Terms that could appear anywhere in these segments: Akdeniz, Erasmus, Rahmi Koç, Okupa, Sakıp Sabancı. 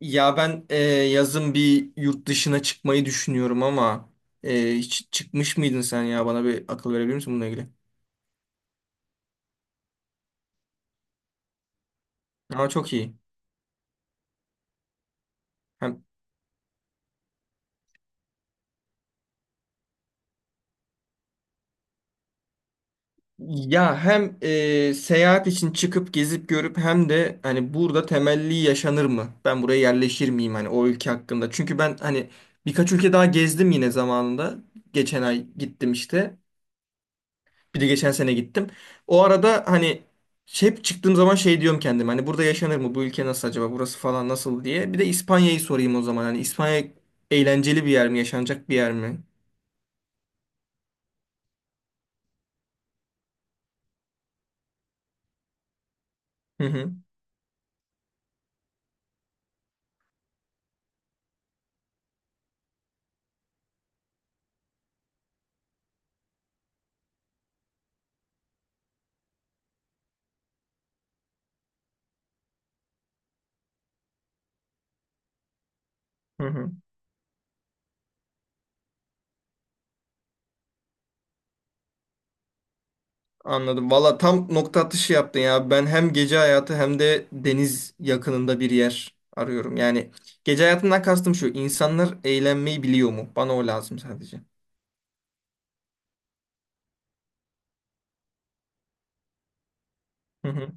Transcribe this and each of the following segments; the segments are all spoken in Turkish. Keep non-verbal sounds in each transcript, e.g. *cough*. Ya ben yazın bir yurt dışına çıkmayı düşünüyorum ama hiç çıkmış mıydın sen ya? Bana bir akıl verebilir misin bununla ilgili? Ama çok iyi. Hem ya hem seyahat için çıkıp gezip görüp hem de hani burada temelli yaşanır mı? Ben buraya yerleşir miyim hani o ülke hakkında? Çünkü ben hani birkaç ülke daha gezdim yine zamanında. Geçen ay gittim işte. Bir de geçen sene gittim. O arada hani hep çıktığım zaman şey diyorum kendime hani burada yaşanır mı? Bu ülke nasıl acaba? Burası falan nasıl diye. Bir de İspanya'yı sorayım o zaman. Hani İspanya eğlenceli bir yer mi? Yaşanacak bir yer mi? Hı hı. Hı hı. Anladım. Valla tam nokta atışı yaptın ya. Ben hem gece hayatı hem de deniz yakınında bir yer arıyorum. Yani gece hayatından kastım şu. İnsanlar eğlenmeyi biliyor mu? Bana o lazım sadece. Hı hı.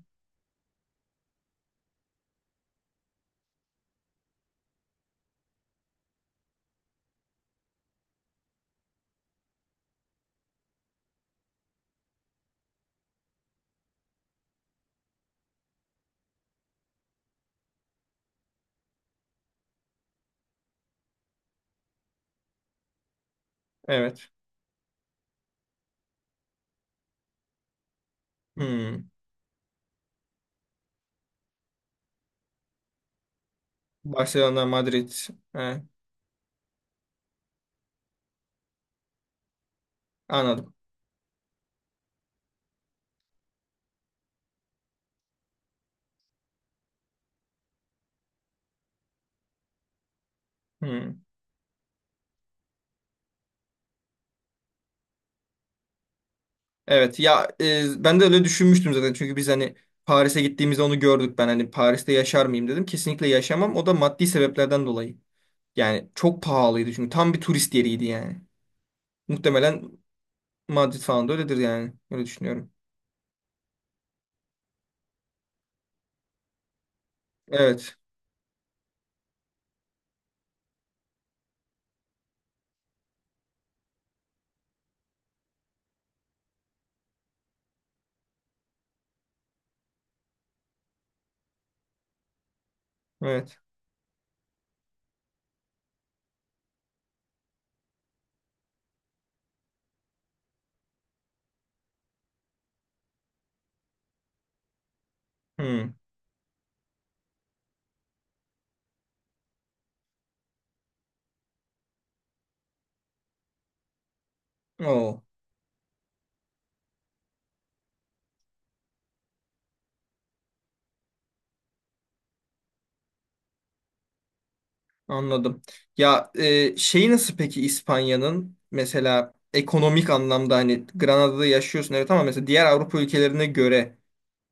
Evet. Hmm. Barcelona, Madrid. He, anladım. Hmm. Evet ya, ben de öyle düşünmüştüm zaten çünkü biz hani Paris'e gittiğimizde onu gördük, ben hani Paris'te yaşar mıyım dedim, kesinlikle yaşamam, o da maddi sebeplerden dolayı, yani çok pahalıydı çünkü tam bir turist yeriydi yani muhtemelen Madrid falan da öyledir, yani öyle düşünüyorum. Evet, evet. Hmm. Oo, anladım. Ya şey nasıl peki İspanya'nın mesela ekonomik anlamda hani Granada'da yaşıyorsun, evet, ama mesela diğer Avrupa ülkelerine göre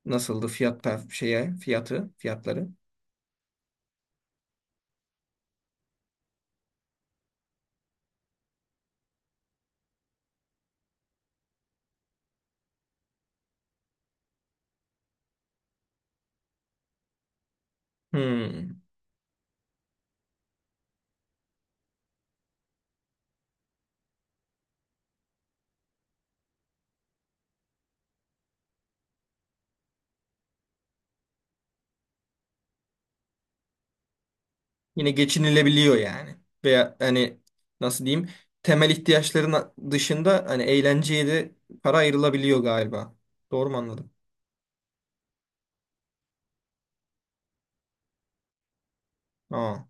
nasıldı fiyat şeye fiyatı fiyatları. Hmm. Yine geçinilebiliyor yani. Veya hani nasıl diyeyim, temel ihtiyaçların dışında hani eğlenceye de para ayrılabiliyor galiba. Doğru mu anladım? Aa.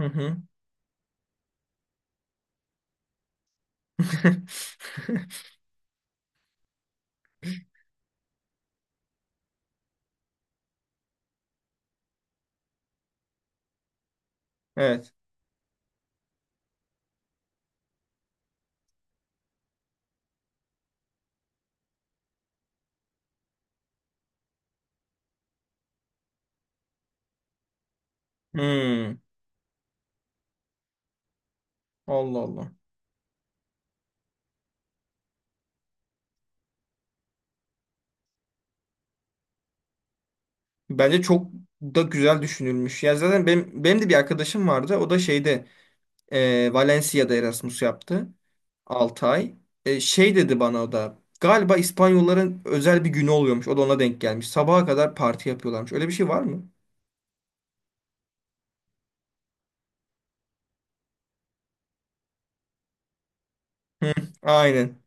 Hı hı. *laughs* Evet. Hmm. Allah Allah. Bence çok da güzel düşünülmüş. Ya zaten benim, de bir arkadaşım vardı. O da şeyde Valencia'da Erasmus yaptı. 6 ay. E, şey dedi bana o da. Galiba İspanyolların özel bir günü oluyormuş. O da ona denk gelmiş. Sabaha kadar parti yapıyorlarmış. Öyle bir şey var mı? Hı, aynen.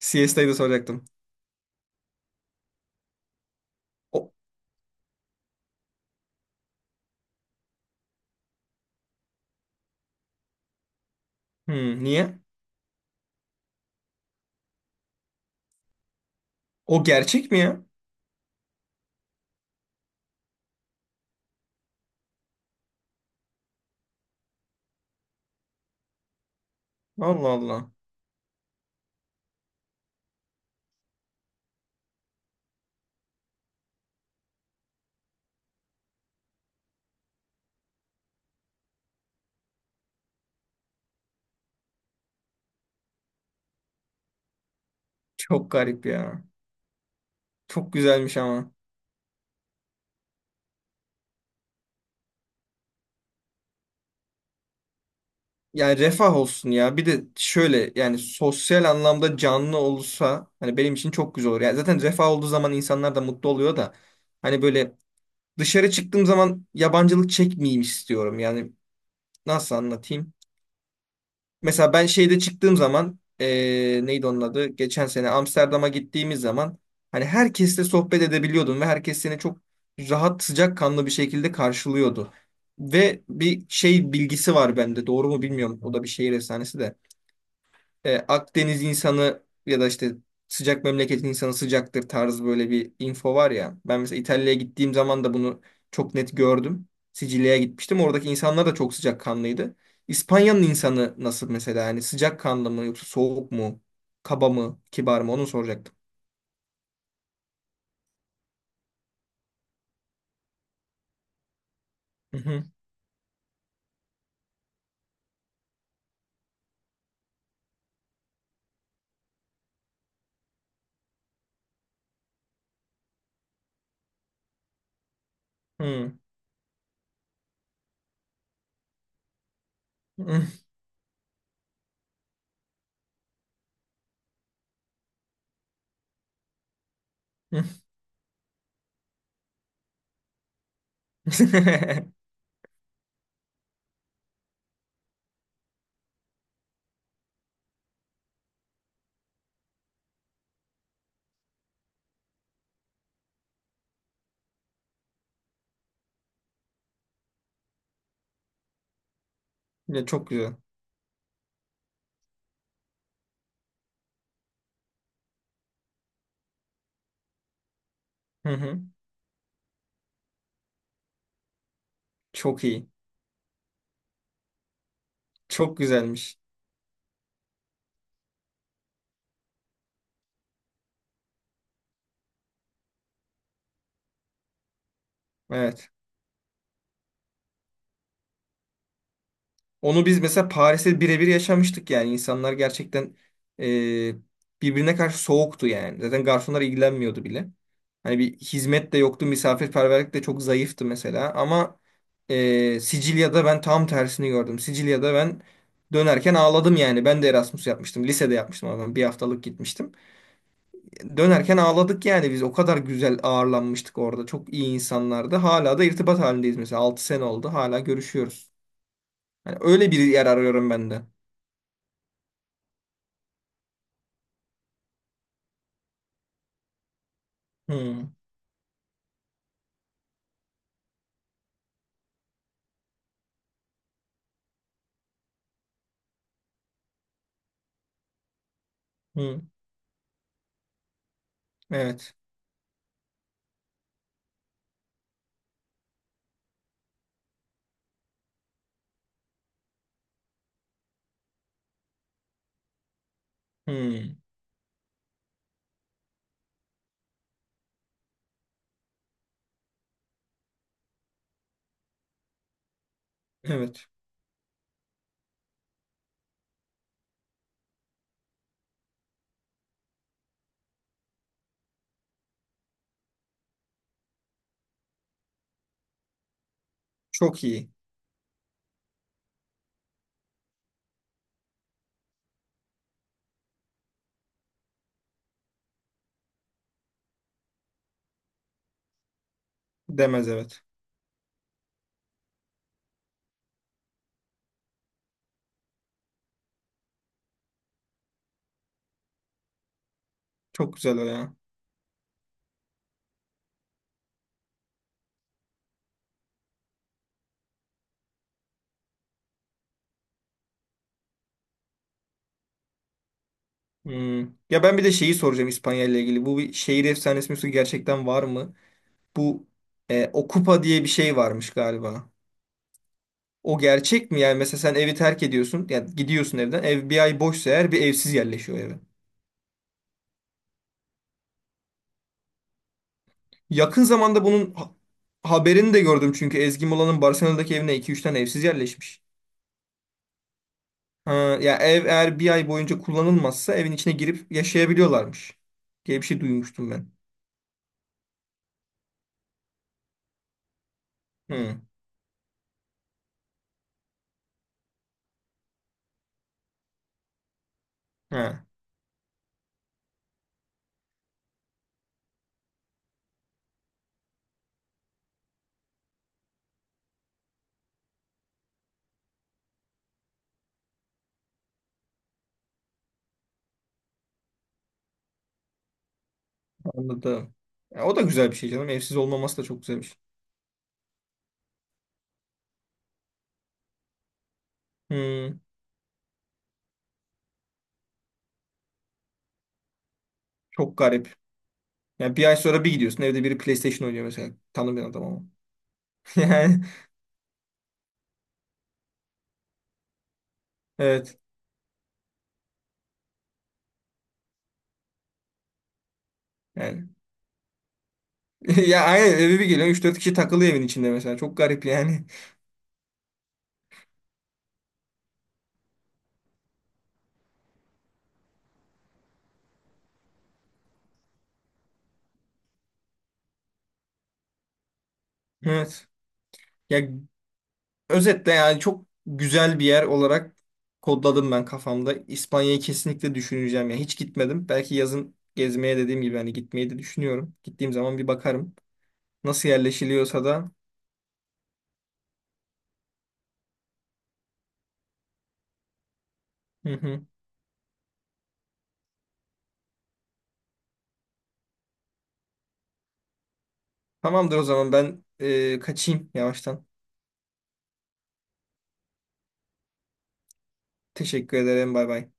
Siesta'yı da soracaktım. O, hı, niye? O gerçek mi ya? Allah Allah. Çok garip ya. Çok güzelmiş ama. Yani refah olsun ya. Bir de şöyle, yani sosyal anlamda canlı olursa hani benim için çok güzel olur. Yani zaten refah olduğu zaman insanlar da mutlu oluyor da hani böyle dışarı çıktığım zaman yabancılık çekmeyeyim istiyorum. Yani nasıl anlatayım? Mesela ben şeyde çıktığım zaman neydi onun adı? Geçen sene Amsterdam'a gittiğimiz zaman hani herkesle sohbet edebiliyordun ve herkes seni çok rahat, sıcakkanlı bir şekilde karşılıyordu. Ve bir şey bilgisi var bende. Doğru mu bilmiyorum. O da bir şehir efsanesi de. E, Akdeniz insanı ya da işte sıcak memleketin insanı sıcaktır tarzı böyle bir info var ya. Ben mesela İtalya'ya gittiğim zaman da bunu çok net gördüm. Sicilya'ya gitmiştim. Oradaki insanlar da çok sıcakkanlıydı. İspanya'nın insanı nasıl mesela? Yani sıcakkanlı mı yoksa soğuk mu? Kaba mı? Kibar mı? Onu soracaktım. Hı hı. Hı. Hı. Hı. *laughs* Ya çok güzel. Hı hı. Çok iyi. Çok güzelmiş. Evet. Onu biz mesela Paris'te birebir yaşamıştık yani. İnsanlar gerçekten e, birbirine karşı soğuktu yani. Zaten garsonlar ilgilenmiyordu bile. Hani bir hizmet de yoktu, misafirperverlik de çok zayıftı mesela. Ama Sicilya'da ben tam tersini gördüm. Sicilya'da ben dönerken ağladım yani. Ben de Erasmus yapmıştım. Lisede yapmıştım ama ben bir haftalık gitmiştim. Dönerken ağladık yani biz. O kadar güzel ağırlanmıştık orada. Çok iyi insanlardı. Hala da irtibat halindeyiz mesela. 6 sene oldu. Hala görüşüyoruz. Yani öyle bir yer arıyorum ben de. Hmm, hmm, evet. Hmm, evet. Çok iyi. Demez, evet. Çok güzel o ya. Hmm. Ya ben bir de şeyi soracağım İspanya ile ilgili. Bu bir şehir efsanesi mi, gerçekten var mı? Bu Okupa diye bir şey varmış galiba. O gerçek mi? Yani mesela sen evi terk ediyorsun. Yani gidiyorsun evden. Ev bir ay boşsa eğer bir evsiz yerleşiyor eve. Yakın zamanda bunun haberini de gördüm, çünkü Ezgi Mola'nın Barcelona'daki evine iki üç tane evsiz yerleşmiş. Ha, ya ev eğer bir ay boyunca kullanılmazsa evin içine girip yaşayabiliyorlarmış diye bir şey duymuştum ben. Hı, ha, anladım. Ya, o da güzel bir şey canım. Evsiz olmaması da çok güzel bir şey. Hı, çok garip. Yani bir ay sonra bir gidiyorsun, evde biri PlayStation oynuyor mesela. Tanımayan adam ama. *laughs* Yani evet. Yani. *laughs* Ya aynen, eve bir geliyorsun üç dört kişi takılıyor evin içinde mesela. Çok garip yani. *laughs* Evet. Ya özetle yani çok güzel bir yer olarak kodladım ben kafamda. İspanya'yı kesinlikle düşüneceğim ya. Hiç gitmedim. Belki yazın gezmeye dediğim gibi hani gitmeyi de düşünüyorum. Gittiğim zaman bir bakarım. Nasıl yerleşiliyorsa da. Hı hı. Tamamdır o zaman, ben kaçayım yavaştan. Teşekkür ederim. Bay bay.